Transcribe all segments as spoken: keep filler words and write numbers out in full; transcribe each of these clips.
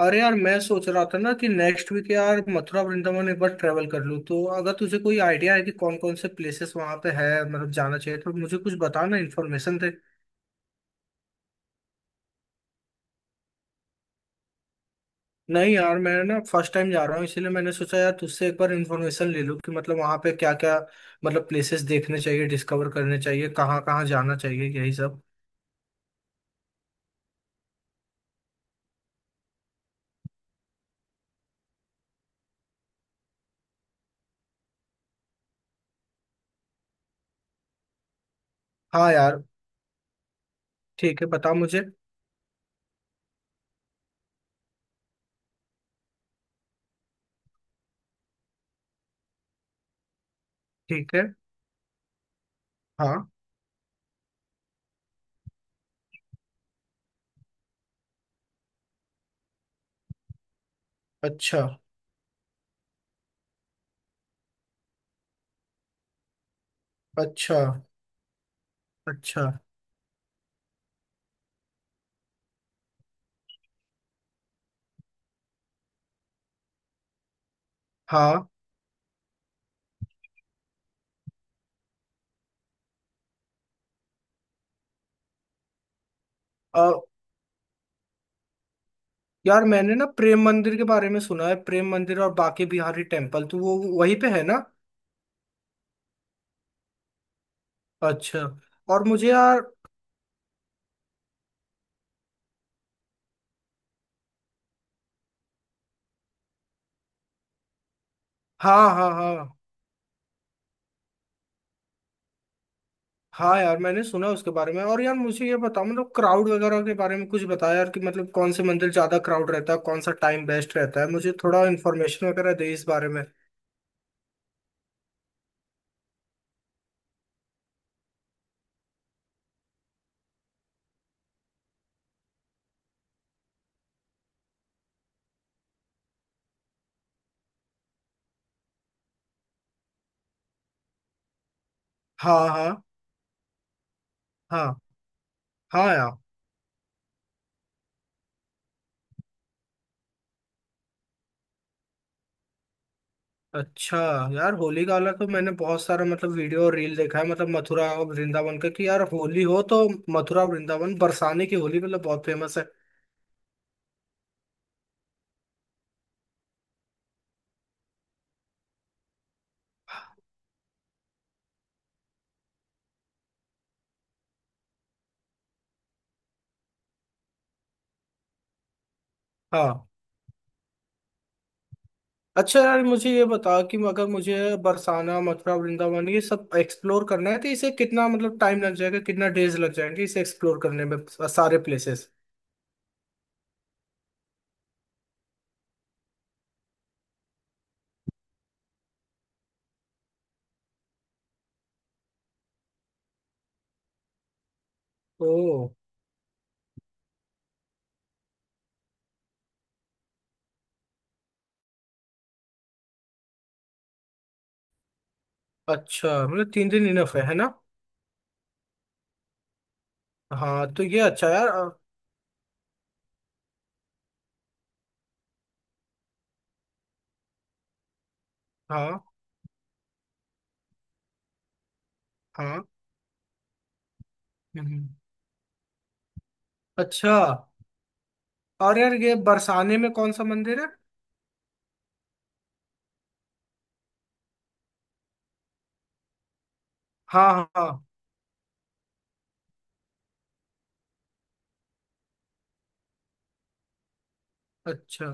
अरे यार, मैं सोच रहा था ना कि नेक्स्ट वीक यार मथुरा वृंदावन एक बार ट्रेवल कर लूँ। तो अगर तुझे कोई आइडिया है कि कौन कौन से प्लेसेस वहाँ पे है मतलब जाना चाहिए तो मुझे कुछ बताना, इन्फॉर्मेशन दे। नहीं यार, मैं ना फर्स्ट टाइम जा रहा हूँ, इसीलिए मैंने सोचा यार तुझसे एक बार इन्फॉर्मेशन ले लूँ कि मतलब वहाँ पे क्या क्या मतलब प्लेसेस देखने चाहिए, डिस्कवर करने चाहिए, कहाँ कहाँ जाना चाहिए, यही सब। हाँ यार। ठीक है, बता मुझे। ठीक है। हाँ। अच्छा, अच्छा, अच्छा। हाँ यार, मैंने ना प्रेम मंदिर के बारे में सुना है। प्रेम मंदिर और बाके बिहारी टेम्पल, तो वो वहीं पे है ना? अच्छा। और मुझे यार। हाँ हाँ हाँ। हाँ यार मैंने सुना उसके बारे में। और यार मुझे ये बताओ मतलब क्राउड वगैरह के बारे में कुछ बताया यार, कि मतलब कौन से मंदिर ज्यादा क्राउड रहता है, कौन सा टाइम बेस्ट रहता है, मुझे थोड़ा इन्फॉर्मेशन वगैरह दे इस बारे में। हाँ हाँ हाँ। हाँ यार। अच्छा यार, होली का अलग तो मैंने बहुत सारा मतलब वीडियो और रील देखा है मतलब मथुरा और वृंदावन का कि यार होली हो तो मथुरा और वृंदावन बरसाने की होली मतलब बहुत फेमस है। हाँ। अच्छा यार मुझे ये बता कि अगर मुझे बरसाना मथुरा वृंदावन ये सब एक्सप्लोर करना है तो इसे कितना मतलब टाइम लग जाएगा, कितना डेज लग जाएंगे इसे एक्सप्लोर करने में, सारे प्लेसेस। ओ। अच्छा, मतलब तीन दिन इनफ है है ना? हाँ तो ये अच्छा यार। अ, हाँ। हाँ। हम्म। अच्छा। और यार ये बरसाने में कौन सा मंदिर है? हाँ हाँ हाँ। अच्छा।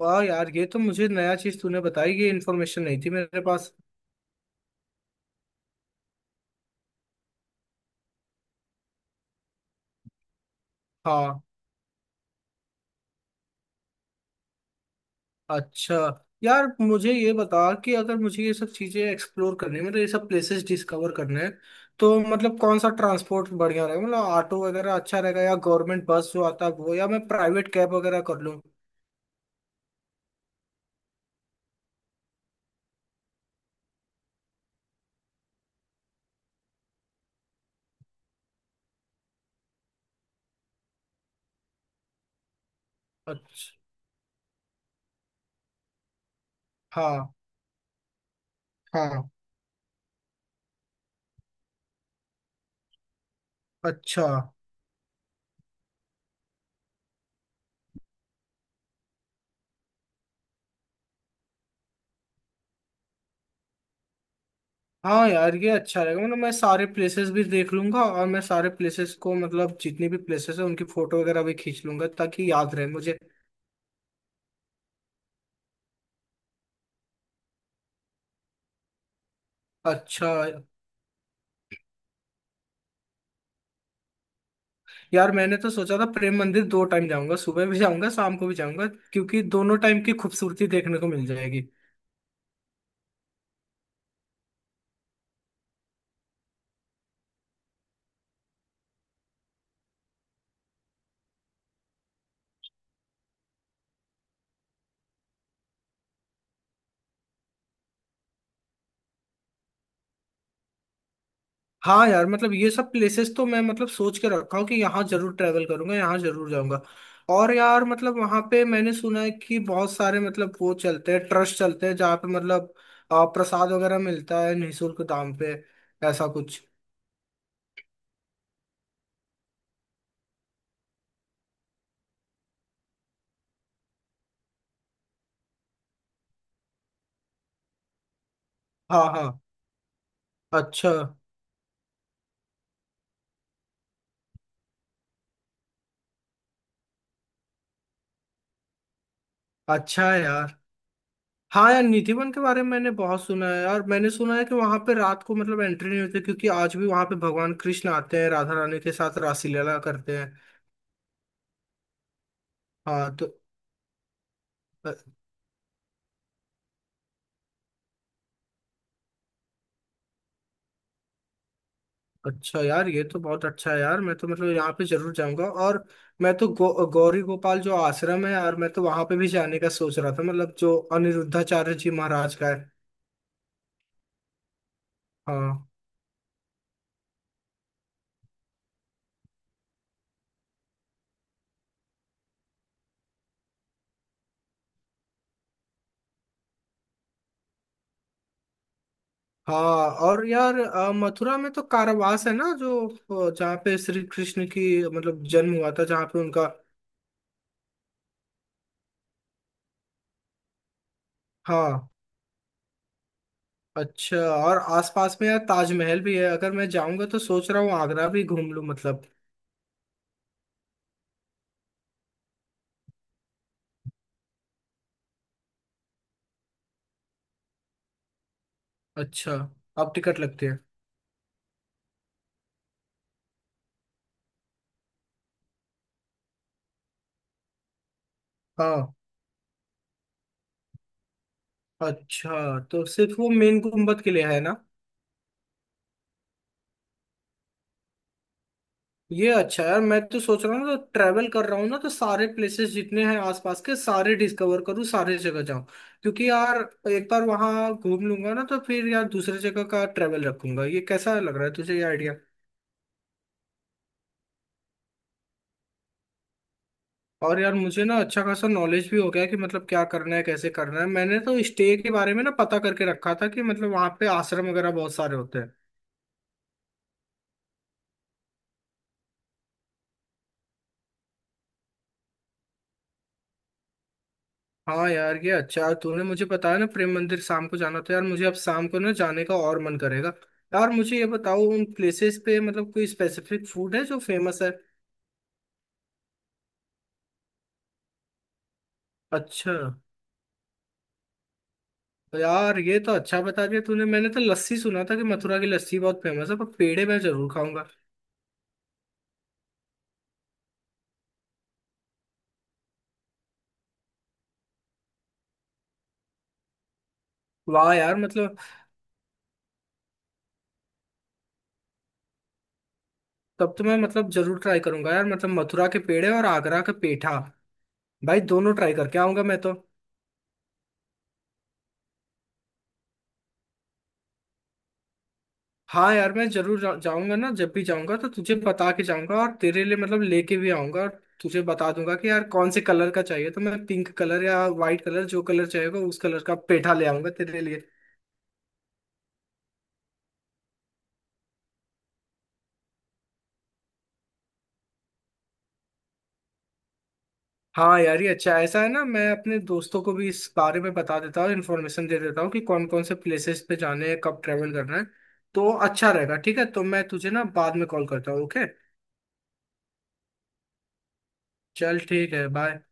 वाह यार, ये तो मुझे नया चीज तूने बताई, ये इन्फॉर्मेशन नहीं थी मेरे पास। हाँ। अच्छा। यार मुझे ये बता कि अगर मुझे ये सब चीजें एक्सप्लोर करनी है मतलब ये सब प्लेसेस डिस्कवर करने हैं तो मतलब कौन सा ट्रांसपोर्ट बढ़िया रहेगा, मतलब ऑटो वगैरह अच्छा रहेगा या गवर्नमेंट बस जो आता है वो, या मैं प्राइवेट कैब वगैरह कर लूँ? अच्छा। हाँ। हाँ। अच्छा। हाँ यार ये अच्छा रहेगा, मतलब मैं सारे प्लेसेस भी देख लूंगा और मैं सारे प्लेसेस को मतलब जितनी भी प्लेसेस है उनकी फोटो वगैरह भी खींच लूंगा ताकि याद रहे मुझे। अच्छा। यार मैंने तो सोचा था प्रेम मंदिर दो टाइम जाऊंगा, सुबह भी जाऊंगा शाम को भी जाऊंगा, क्योंकि दोनों टाइम की खूबसूरती देखने को मिल जाएगी। हाँ यार मतलब ये सब प्लेसेस तो मैं मतलब सोच के रखा हूँ कि यहाँ जरूर ट्रैवल करूंगा, यहाँ जरूर जाऊंगा। और यार मतलब वहाँ पे मैंने सुना है कि बहुत सारे मतलब वो चलते हैं, ट्रस्ट चलते हैं जहाँ पे मतलब आ, प्रसाद वगैरह मिलता है निःशुल्क दाम पे, ऐसा कुछ। हाँ हाँ। अच्छा। अच्छा है यार। हाँ यार निधिवन के बारे में मैंने बहुत सुना है यार, मैंने सुना है कि वहां पे रात को मतलब एंट्री नहीं होती, क्योंकि आज भी वहां पे भगवान कृष्ण आते हैं राधा रानी के साथ रासलीला करते हैं। हाँ तो अच्छा यार, ये तो बहुत अच्छा है यार, मैं तो मतलब यहाँ पे जरूर जाऊंगा। और मैं तो गौ, गौरी गोपाल जो आश्रम है यार मैं तो वहां पे भी जाने का सोच रहा था, मतलब जो अनिरुद्धाचार्य जी महाराज का है। हाँ हाँ। और यार, अ, मथुरा में तो कारावास है ना जो, अ, जहाँ पे श्री कृष्ण की मतलब जन्म हुआ था, जहाँ पे उनका। हाँ। अच्छा, और आसपास में यार ताजमहल भी है, अगर मैं जाऊंगा तो सोच रहा हूँ आगरा भी घूम लूँ मतलब। अच्छा। अब टिकट लगती है? हाँ। अच्छा, तो सिर्फ वो मेन गुम्बद किले है ना? ये अच्छा है यार, मैं तो सोच रहा हूँ ना तो ट्रैवल कर रहा हूँ ना तो सारे प्लेसेस जितने हैं आसपास के सारे डिस्कवर करूँ, सारे जगह जाऊँ, क्योंकि यार एक बार वहाँ घूम लूंगा ना तो फिर यार दूसरे जगह का ट्रैवल रखूंगा। ये कैसा लग रहा है तुझे ये आइडिया? और यार मुझे ना अच्छा खासा नॉलेज भी हो गया कि मतलब क्या करना है कैसे करना है, मैंने तो स्टे के बारे में ना पता करके रखा था कि मतलब वहाँ पे आश्रम वगैरह बहुत सारे होते हैं। हाँ यार ये अच्छा तूने मुझे बताया ना प्रेम मंदिर शाम को जाना था, यार मुझे अब शाम को ना जाने का और मन करेगा। यार मुझे ये बताओ उन प्लेसेस पे मतलब कोई स्पेसिफिक फूड है जो फेमस है? अच्छा। तो यार ये तो अच्छा बता दिया तूने, मैंने तो लस्सी सुना था कि मथुरा की लस्सी बहुत फेमस है, पर पेड़े मैं जरूर खाऊंगा। वाह यार मतलब तब तो मैं मतलब जरूर ट्राई करूंगा यार, मतलब मथुरा के पेड़े और आगरा का पेठा, भाई दोनों ट्राई करके आऊंगा मैं तो। हाँ यार मैं जरूर जा, जाऊंगा, ना जब भी जाऊंगा तो तुझे बता के जाऊंगा और तेरे लिए मतलब लेके भी आऊंगा, और तुझे बता दूंगा कि यार कौन से कलर का चाहिए, तो मैं पिंक कलर या वाइट कलर जो कलर चाहिएगा उस कलर का पेठा ले आऊंगा तेरे लिए। हाँ यार ये अच्छा है। ऐसा है ना, मैं अपने दोस्तों को भी इस बारे में बता देता हूँ, इन्फॉर्मेशन दे देता हूँ कि कौन कौन से प्लेसेस पे जाने हैं, कब ट्रेवल करना है, तो अच्छा रहेगा। ठीक है, तो मैं तुझे ना बाद में कॉल करता हूँ, ओके। चल ठीक है, बाय।